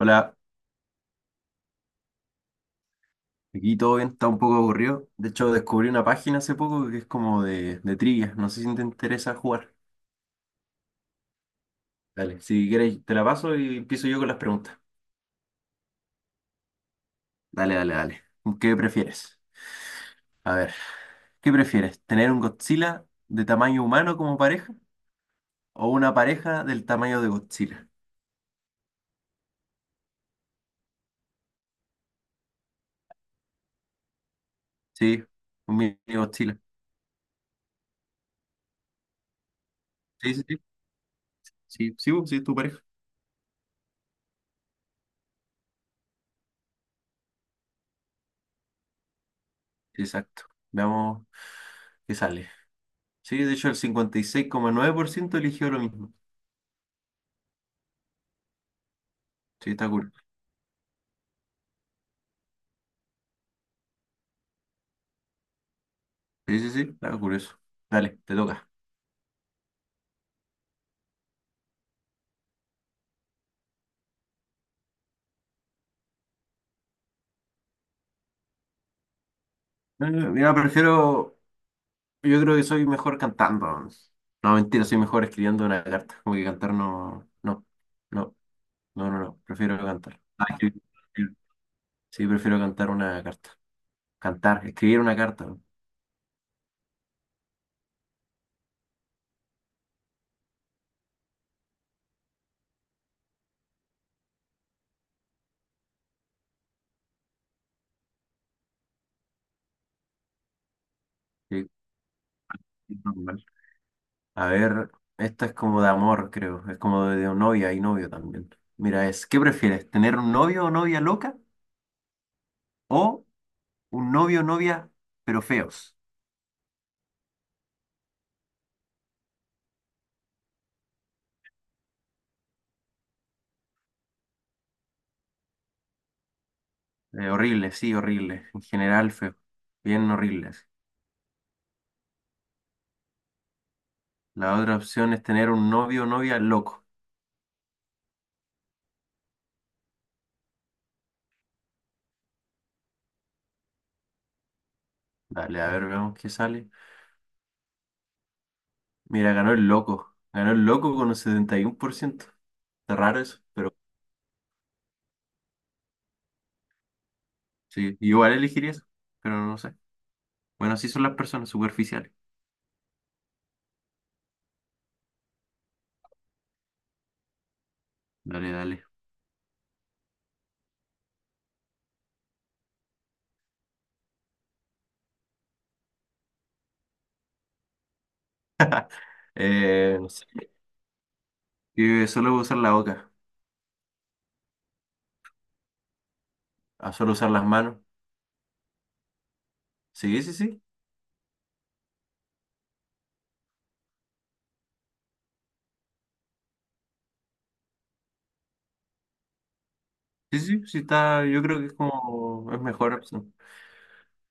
Hola, aquí todo bien, está un poco aburrido. De hecho, descubrí una página hace poco que es como de trivia. No sé si te interesa jugar. Dale, si quieres, te la paso y empiezo yo con las preguntas. Dale, dale, dale. ¿Qué prefieres? A ver, ¿qué prefieres? ¿Tener un Godzilla de tamaño humano como pareja o una pareja del tamaño de Godzilla? Sí, un mini Godzilla. Sí, sí, sí. Sí, sí, sí, es tu pareja. Exacto. Veamos qué sale. Sí, de hecho, el 56,9% eligió lo mismo. Sí, está cool. Sí, sí, sí, está curioso. Dale, te toca. Mira, prefiero. Yo creo que soy mejor cantando. No, mentira, soy mejor escribiendo una carta. Como que cantar no. No, no, no, no, no. Prefiero cantar. Ah, escribir, escribir. Sí, prefiero cantar una carta. Cantar, escribir una carta. Sí, normal. A ver, esta es como de amor, creo. Es como de novia y novio también. Mira, es, ¿qué prefieres? ¿Tener un novio o novia loca? ¿O un novio o novia, pero feos? Horrible, sí, horrible. En general, feo. Bien horribles. La otra opción es tener un novio o novia loco. Dale, a ver, veamos qué sale. Mira, ganó el loco. Ganó el loco con un 71%. Está raro eso, pero sí. Igual elegiría eso, pero no sé. Bueno, así son las personas superficiales. Dale, dale. No sé. Y solo usar la boca. A solo usar las manos. Sí, sí, sí. Sí, sí, sí está. Yo creo que es como. Es mejor opción.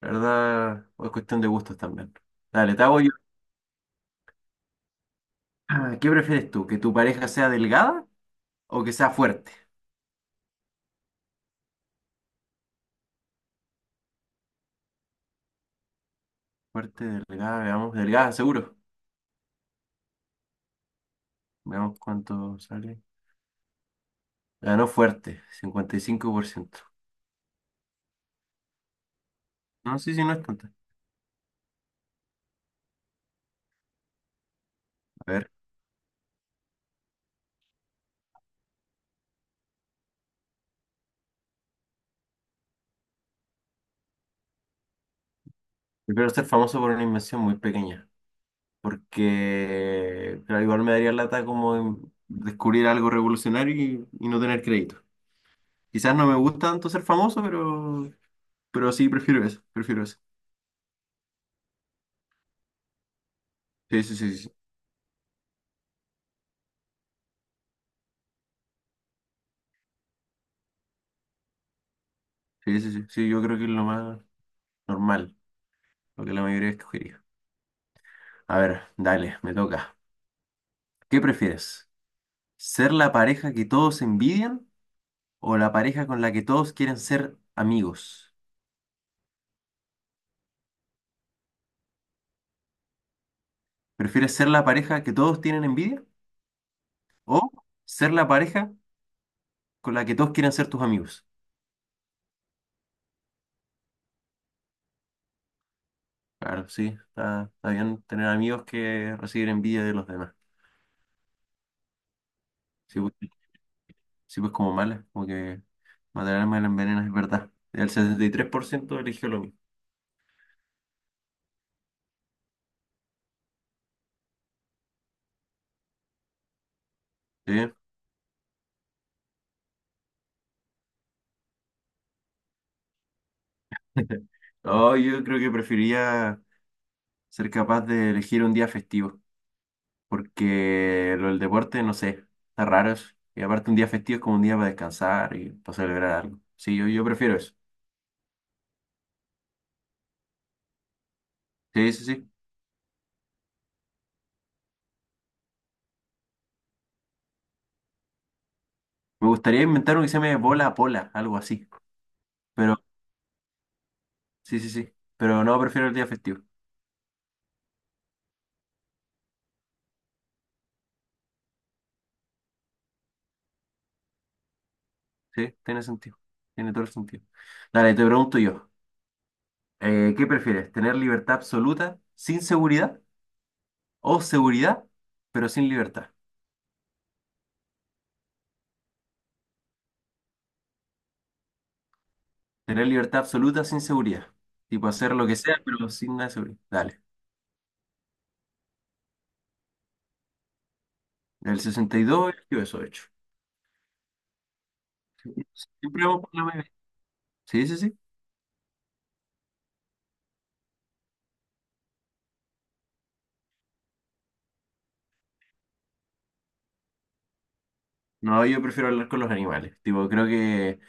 La verdad, es cuestión de gustos también. Dale, te hago yo. Ah, ¿qué prefieres tú? ¿Que tu pareja sea delgada o que sea fuerte? Fuerte, delgada, veamos, delgada, seguro. Veamos cuánto sale. Ganó fuerte, 55%. No, sí, sí, no es tanta. A ver, prefiero ser famoso por una invención muy pequeña, porque claro, igual me daría lata como en descubrir algo revolucionario y no tener crédito. Quizás no me gusta tanto ser famoso, pero sí, prefiero eso, prefiero eso. Sí, sí, sí, sí, sí, sí, sí, sí, yo creo que es lo más normal, lo que la mayoría escogería. A ver, dale, me toca. ¿Qué prefieres? ¿Ser la pareja que todos envidian o la pareja con la que todos quieren ser amigos? ¿Prefieres ser la pareja que todos tienen envidia o ser la pareja con la que todos quieren ser tus amigos? Claro, sí, está bien tener amigos que reciben envidia de los demás. Sí, pues, sí, pues como mala, como que matar al alma la envenenas, es verdad. El 73% eligió lo mismo. ¿Sí? No, yo creo que preferiría ser capaz de elegir un día festivo. Porque lo del deporte, no sé, está raro eso. Y aparte un día festivo es como un día para descansar y para celebrar algo. Sí, yo prefiero eso. Sí, sí, sí. Me gustaría inventar uno que se llame bola a pola, algo así. Pero, sí, sí, sí. Pero no, prefiero el día festivo. Sí, tiene sentido. Tiene todo el sentido. Dale, te pregunto yo. ¿Qué prefieres? ¿Tener libertad absoluta sin seguridad? ¿O seguridad, pero sin libertad? Tener libertad absoluta sin seguridad. Tipo hacer lo que sea, pero sin nada de seguridad. Dale. El 62 y dos, yo eso he hecho. Siempre vamos por la misma. Sí, sí, sí. No, yo prefiero hablar con los animales. Tipo, creo que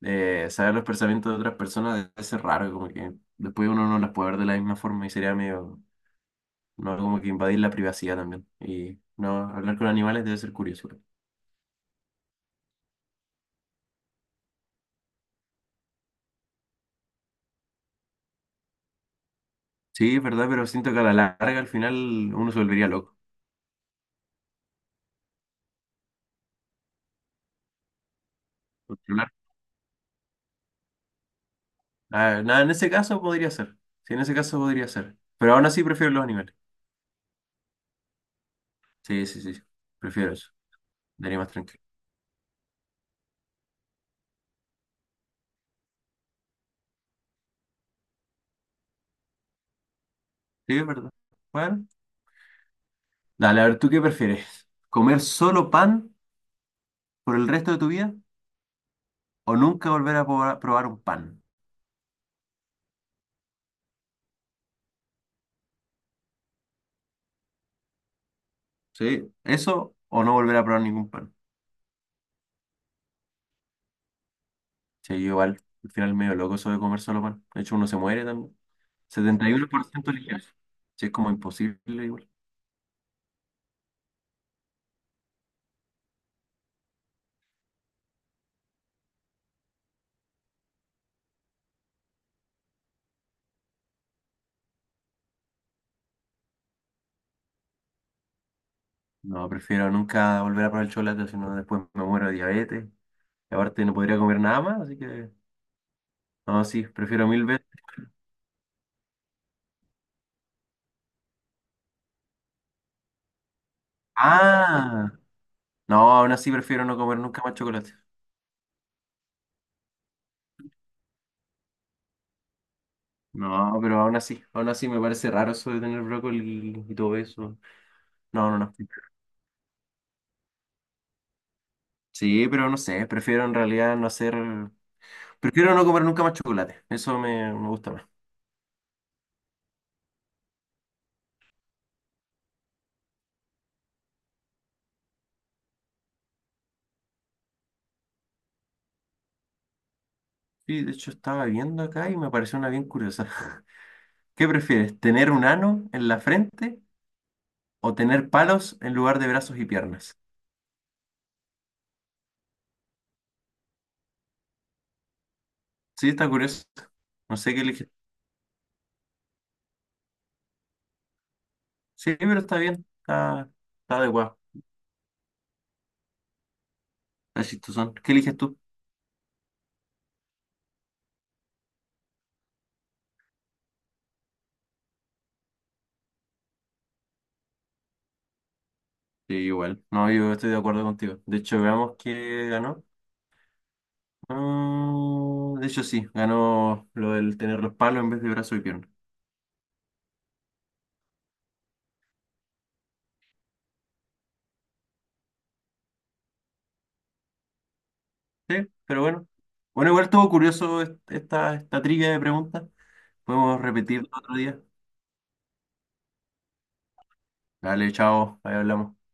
saber los pensamientos de otras personas debe ser raro, como que después uno no las puede ver de la misma forma y sería medio, no, como que invadir la privacidad también. Y no, hablar con animales debe ser curioso. Sí, es verdad, pero siento que a la larga al final uno se volvería loco. Por hablar. Ah, nada, en ese caso podría ser. Sí, en ese caso podría ser. Pero aún así prefiero los animales. Sí, sí, sí. Sí. Prefiero eso. Daría más tranquilo. Sí, es verdad. Bueno. Dale, a ver, ¿tú qué prefieres? ¿Comer solo pan por el resto de tu vida o nunca volver a probar un pan? ¿Sí? ¿Eso o no volver a probar ningún pan? Sí, yo igual, al final medio loco eso de comer solo pan. De hecho, uno se muere también. 71% ligero. Sí, es como imposible igual. No, prefiero nunca volver a probar el chocolate, si no después me muero de diabetes. Y aparte no podría comer nada más, así que... No, sí, prefiero mil veces. Ah, no, aún así prefiero no comer nunca más chocolate. No, pero aún así me parece raro eso de tener brócoli y todo eso. No, no, no. Sí, pero no sé, prefiero en realidad no hacer... Prefiero no comer nunca más chocolate, eso me gusta más. Sí, de hecho estaba viendo acá y me pareció una bien curiosa. ¿Qué prefieres, tener un ano en la frente o tener palos en lugar de brazos y piernas? Sí, está curioso. No sé qué eliges. Sí, pero está, bien, está adecuado, está chistosón. ¿Qué eliges tú? Sí, igual. No, yo estoy de acuerdo contigo. De hecho, veamos qué ganó. Ah, de hecho, sí, ganó lo del tener los palos en vez de brazo y pierna. Sí, pero bueno. Bueno, igual estuvo curioso esta trivia de preguntas. Podemos repetirlo otro día. Dale, chao, ahí hablamos.